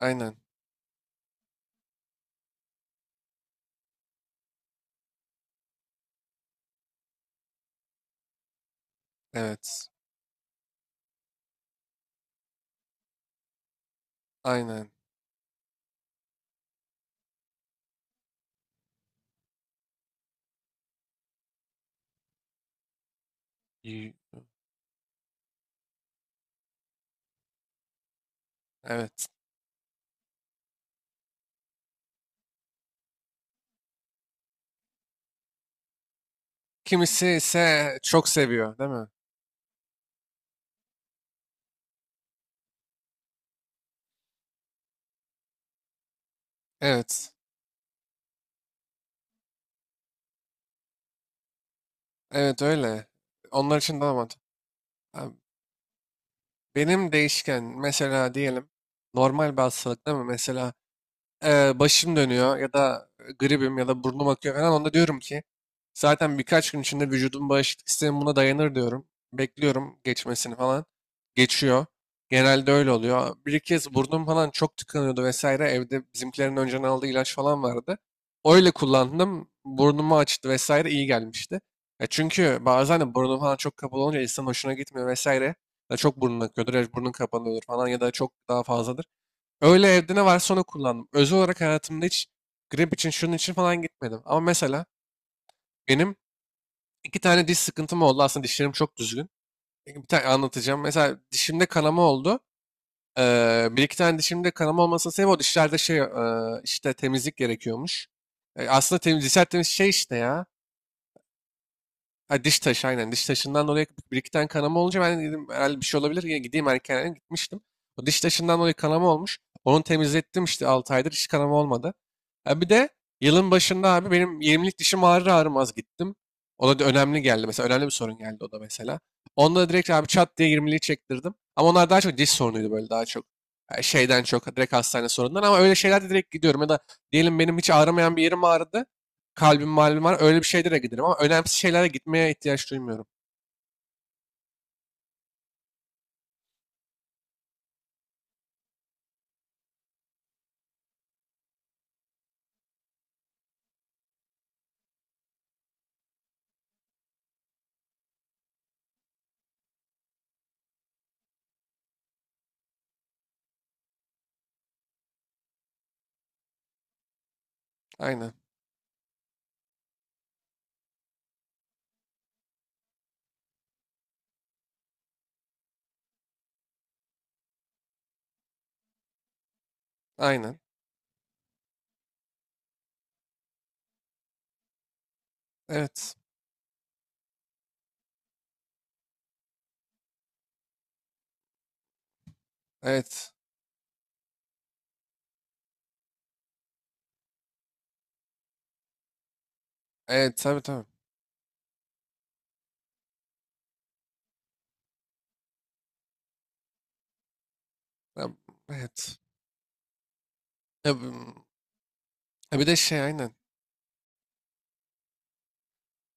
Aynen. Evet. Aynen. Y- Evet. Kimisi ise çok seviyor, değil mi? Evet. Evet öyle. Onlar için daha mantıklı. Abi, benim değişken mesela diyelim normal bir hastalıkta mı? Mesela başım dönüyor ya da gribim ya da burnum akıyor falan onda diyorum ki zaten birkaç gün içinde vücudum bağışıklık sistemi buna dayanır diyorum. Bekliyorum geçmesini falan. Geçiyor. Genelde öyle oluyor. Bir iki kez burnum falan çok tıkanıyordu vesaire. Evde bizimkilerin önceden aldığı ilaç falan vardı. Öyle kullandım. Burnumu açtı vesaire iyi gelmişti. Ya çünkü bazen de burnum falan çok kapalı olunca insanın hoşuna gitmiyor vesaire. Ya çok burnun akıyordur ya burnun kapanıyordur falan ya da çok daha fazla. Öyle evde ne varsa onu kullandım. Özel olarak hayatımda hiç grip için şunun için falan gitmedim. Ama mesela benim iki tane diş sıkıntım oldu. Aslında dişlerim çok düzgün. Bir tane anlatacağım. Mesela dişimde kanama oldu. Bir iki tane dişimde kanama olmasının sebebi o dişlerde şey işte temizlik gerekiyormuş. Aslında temiz, dişler temiz şey işte ya. Ha, diş taşı aynen. Diş taşından dolayı bir iki tane kanama olunca ben dedim herhalde bir şey olabilir. Yine gideyim erken gitmiştim. O diş taşından dolayı kanama olmuş. Onu temizlettim işte 6 aydır hiç kanama olmadı. Ha, bir de yılın başında abi benim 20'lik dişim ağrır ağrımaz gittim. O da önemli geldi mesela. Önemli bir sorun geldi o da mesela. Onda da direkt abi çat diye 20'liği çektirdim. Ama onlar daha çok diş sorunuydu böyle daha çok. Yani şeyden çok direkt hastane sorunundan ama öyle şeylerde direkt gidiyorum. Ya da diyelim benim hiç ağrımayan bir yerim ağrıdı, kalbim malum var. Öyle bir şeylere giderim ama önemsiz şeylere gitmeye ihtiyaç duymuyorum. Aynen. Aynen. Evet. Evet. Evet. Tabii tabii. Tab- Evet. Ya bu- ya bir de şey aynen.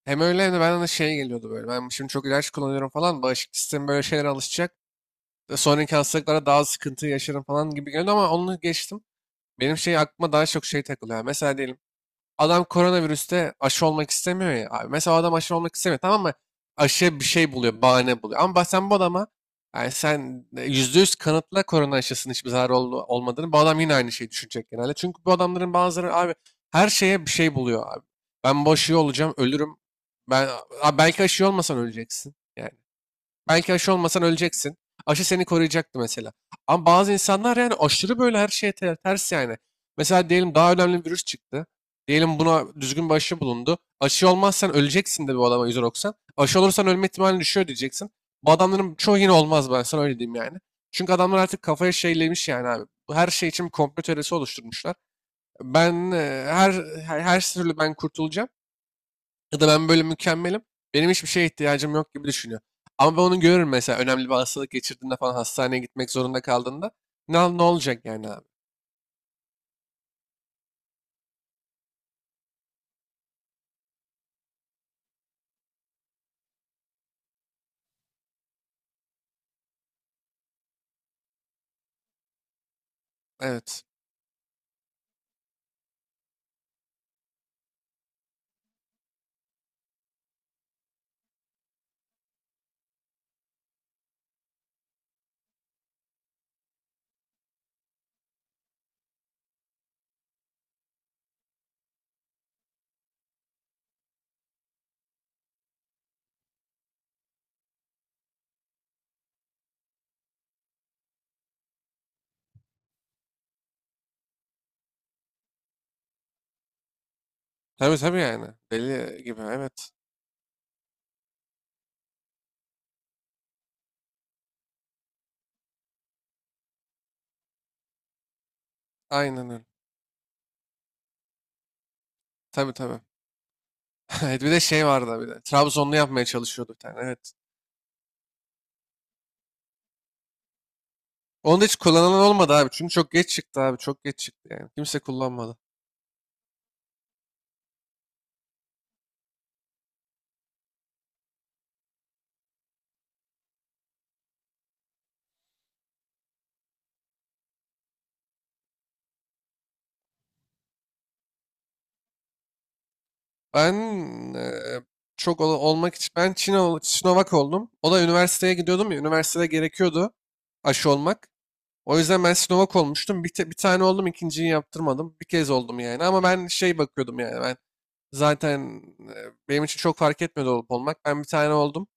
Hem öyle hem de bana da şey geliyordu böyle. Ben şimdi çok ilaç kullanıyorum falan. Bağışıklık sistemi böyle şeylere alışacak. Ve sonraki hastalıklara daha sıkıntı yaşarım falan gibi geliyordu ama onu geçtim. Benim şey aklıma daha çok şey takılıyor. Mesela diyelim adam koronavirüste aşı olmak istemiyor ya. Abi, mesela o adam aşı olmak istemiyor, tamam mı? Aşıya bir şey buluyor, bahane buluyor. Ama bak sen bu adama yani sen yüzde yüz kanıtla korona aşısının hiçbir zararı olmadığını. Bu adam yine aynı şeyi düşünecek genelde. Çünkü bu adamların bazıları abi her şeye bir şey buluyor abi. Ben bu aşıyı olacağım, ölürüm. Ben, Abi belki aşı olmasan öleceksin. Yani belki aşı olmasan öleceksin. Aşı seni koruyacaktı mesela. Ama bazı insanlar yani aşırı böyle her şeye ters yani. Mesela diyelim daha önemli bir virüs çıktı. Diyelim buna düzgün bir aşı bulundu. Aşı olmazsan öleceksin de bu adama yüzde doksan. Aşı olursan ölme ihtimali düşüyor diyeceksin. Bu adamların çoğu yine olmaz ben sana öyle diyeyim yani. Çünkü adamlar artık kafaya şeylemiş yani abi. Bu her şey için bir komplo teorisi oluşturmuşlar. Ben her türlü ben kurtulacağım. Ya da ben böyle mükemmelim. Benim hiçbir şeye ihtiyacım yok gibi düşünüyor. Ama ben onu görürüm mesela önemli bir hastalık geçirdiğinde falan hastaneye gitmek zorunda kaldığında. Ne, ne olacak yani abi? Evet. Tabii tabii yani. Deli gibi evet. Aynen öyle. Tabii tabii. Evet bir de şey vardı bir de. Trabzonlu yapmaya çalışıyordu bir tane evet. Onu da hiç kullanılan olmadı abi. Çünkü çok geç çıktı abi. Çok geç çıktı yani. Kimse kullanmadı. Ben eee, çok olmak için ben Sinovac oldum. O da üniversiteye gidiyordum ya. Üniversitede gerekiyordu aşı olmak. O yüzden ben Sinovac olmuştum. Bir tane oldum, ikinciyi yaptırmadım. Bir kez oldum yani. Ama ben şey bakıyordum yani ben zaten e, benim için çok fark etmedi olup olmak. Ben bir tane oldum.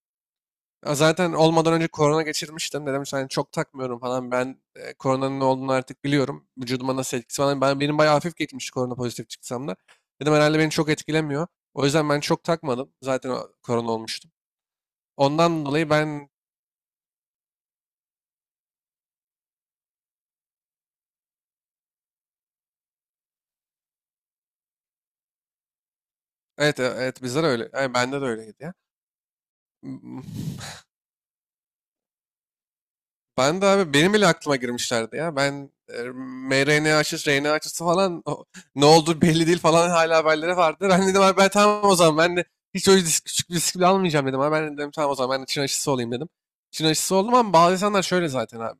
Ya zaten olmadan önce korona geçirmiştim. Dedim yani çok takmıyorum falan. Ben koronanın ne olduğunu artık biliyorum. Vücuduma nasıl etkisi falan. Benim bayağı hafif geçmişti korona pozitif çıksam da. Dedim herhalde beni çok etkilemiyor. O yüzden ben çok takmadım. Zaten korona olmuştum. Ondan dolayı ben evet evet bizler öyle. Yani bende de öyleydi ya. Ben de abi benim bile aklıma girmişlerdi ya. Ben mRNA aşısı, RNA aşısı falan ne oldu belli değil falan hala haberleri vardı. Ben dedim abi ben tamam o zaman ben de hiç öyle küçük bir risk bile almayacağım dedim. Abi ben dedim tamam o zaman ben de Çin aşısı olayım dedim. Çin aşısı oldum ama bazı insanlar şöyle zaten abi.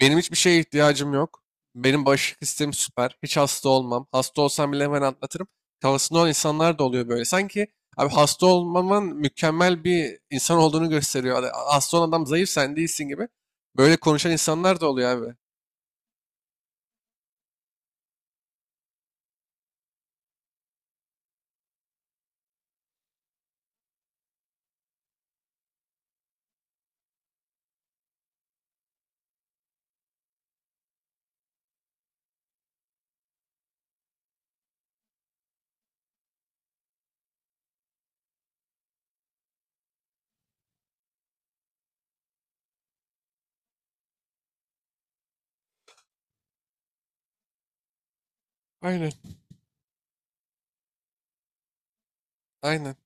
Benim hiçbir şeye ihtiyacım yok. Benim bağışıklık sistemim süper. Hiç hasta olmam. Hasta olsam bile hemen atlatırım. Kafasında olan insanlar da oluyor böyle. Sanki abi hasta olmaman mükemmel bir insan olduğunu gösteriyor. Hani hasta olan adam zayıf sen değilsin gibi. Böyle konuşan insanlar da oluyor abi. Aynen. Aynen.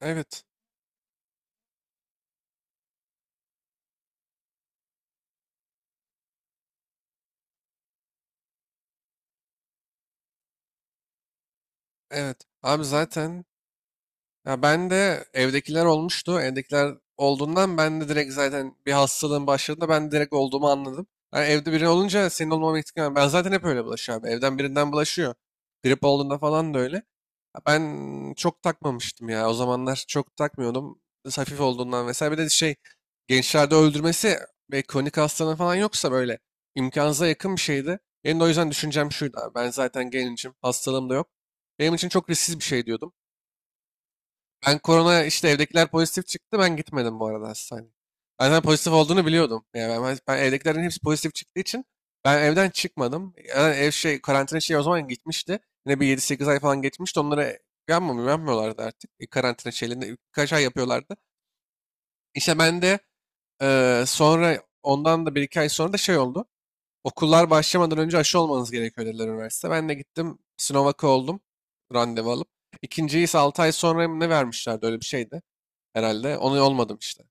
Evet. Evet. Abi zaten. Ya ben de evdekiler olmuştu. Evdekiler olduğundan ben de direkt zaten bir hastalığın başladığında ben direkt olduğumu anladım. Yani evde biri olunca senin olmama ihtimali. Ben zaten hep öyle bulaşıyorum, abi. Evden birinden bulaşıyor. Grip olduğunda falan da öyle. Ya ben çok takmamıştım ya. O zamanlar çok takmıyordum. Biraz hafif olduğundan vesaire. Bir de şey gençlerde öldürmesi ve kronik hastalığı falan yoksa böyle imkansıza yakın bir şeydi. Benim de o yüzden düşüncem şuydu abi. Ben zaten gencim. Hastalığım da yok. Benim için çok risksiz bir şey diyordum. Ben korona işte evdekiler pozitif çıktı. Ben gitmedim bu arada hastaneye. Ben zaten pozitif olduğunu biliyordum. Yani ben evdekilerin hepsi pozitif çıktığı için ben evden çıkmadım. Yani ev şey karantina şey o zaman gitmişti. Yine bir yedi sekiz ay falan geçmişti. Onlara yapmıyorlardı artık. Karantina şeylerini birkaç ay yapıyorlardı. İşte ben de sonra ondan da bir iki ay sonra da şey oldu. Okullar başlamadan önce aşı olmanız gerekiyor dediler üniversite. Ben de gittim Sinovac'a oldum randevu alıp. İkinciyi ise 6 ay sonra mı ne vermişlerdi öyle bir şeydi herhalde. Onu olmadım işte.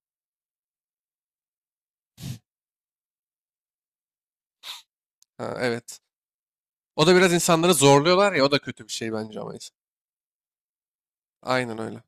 Ha, evet. O da biraz insanları zorluyorlar ya o da kötü bir şey bence ama. Aynen öyle.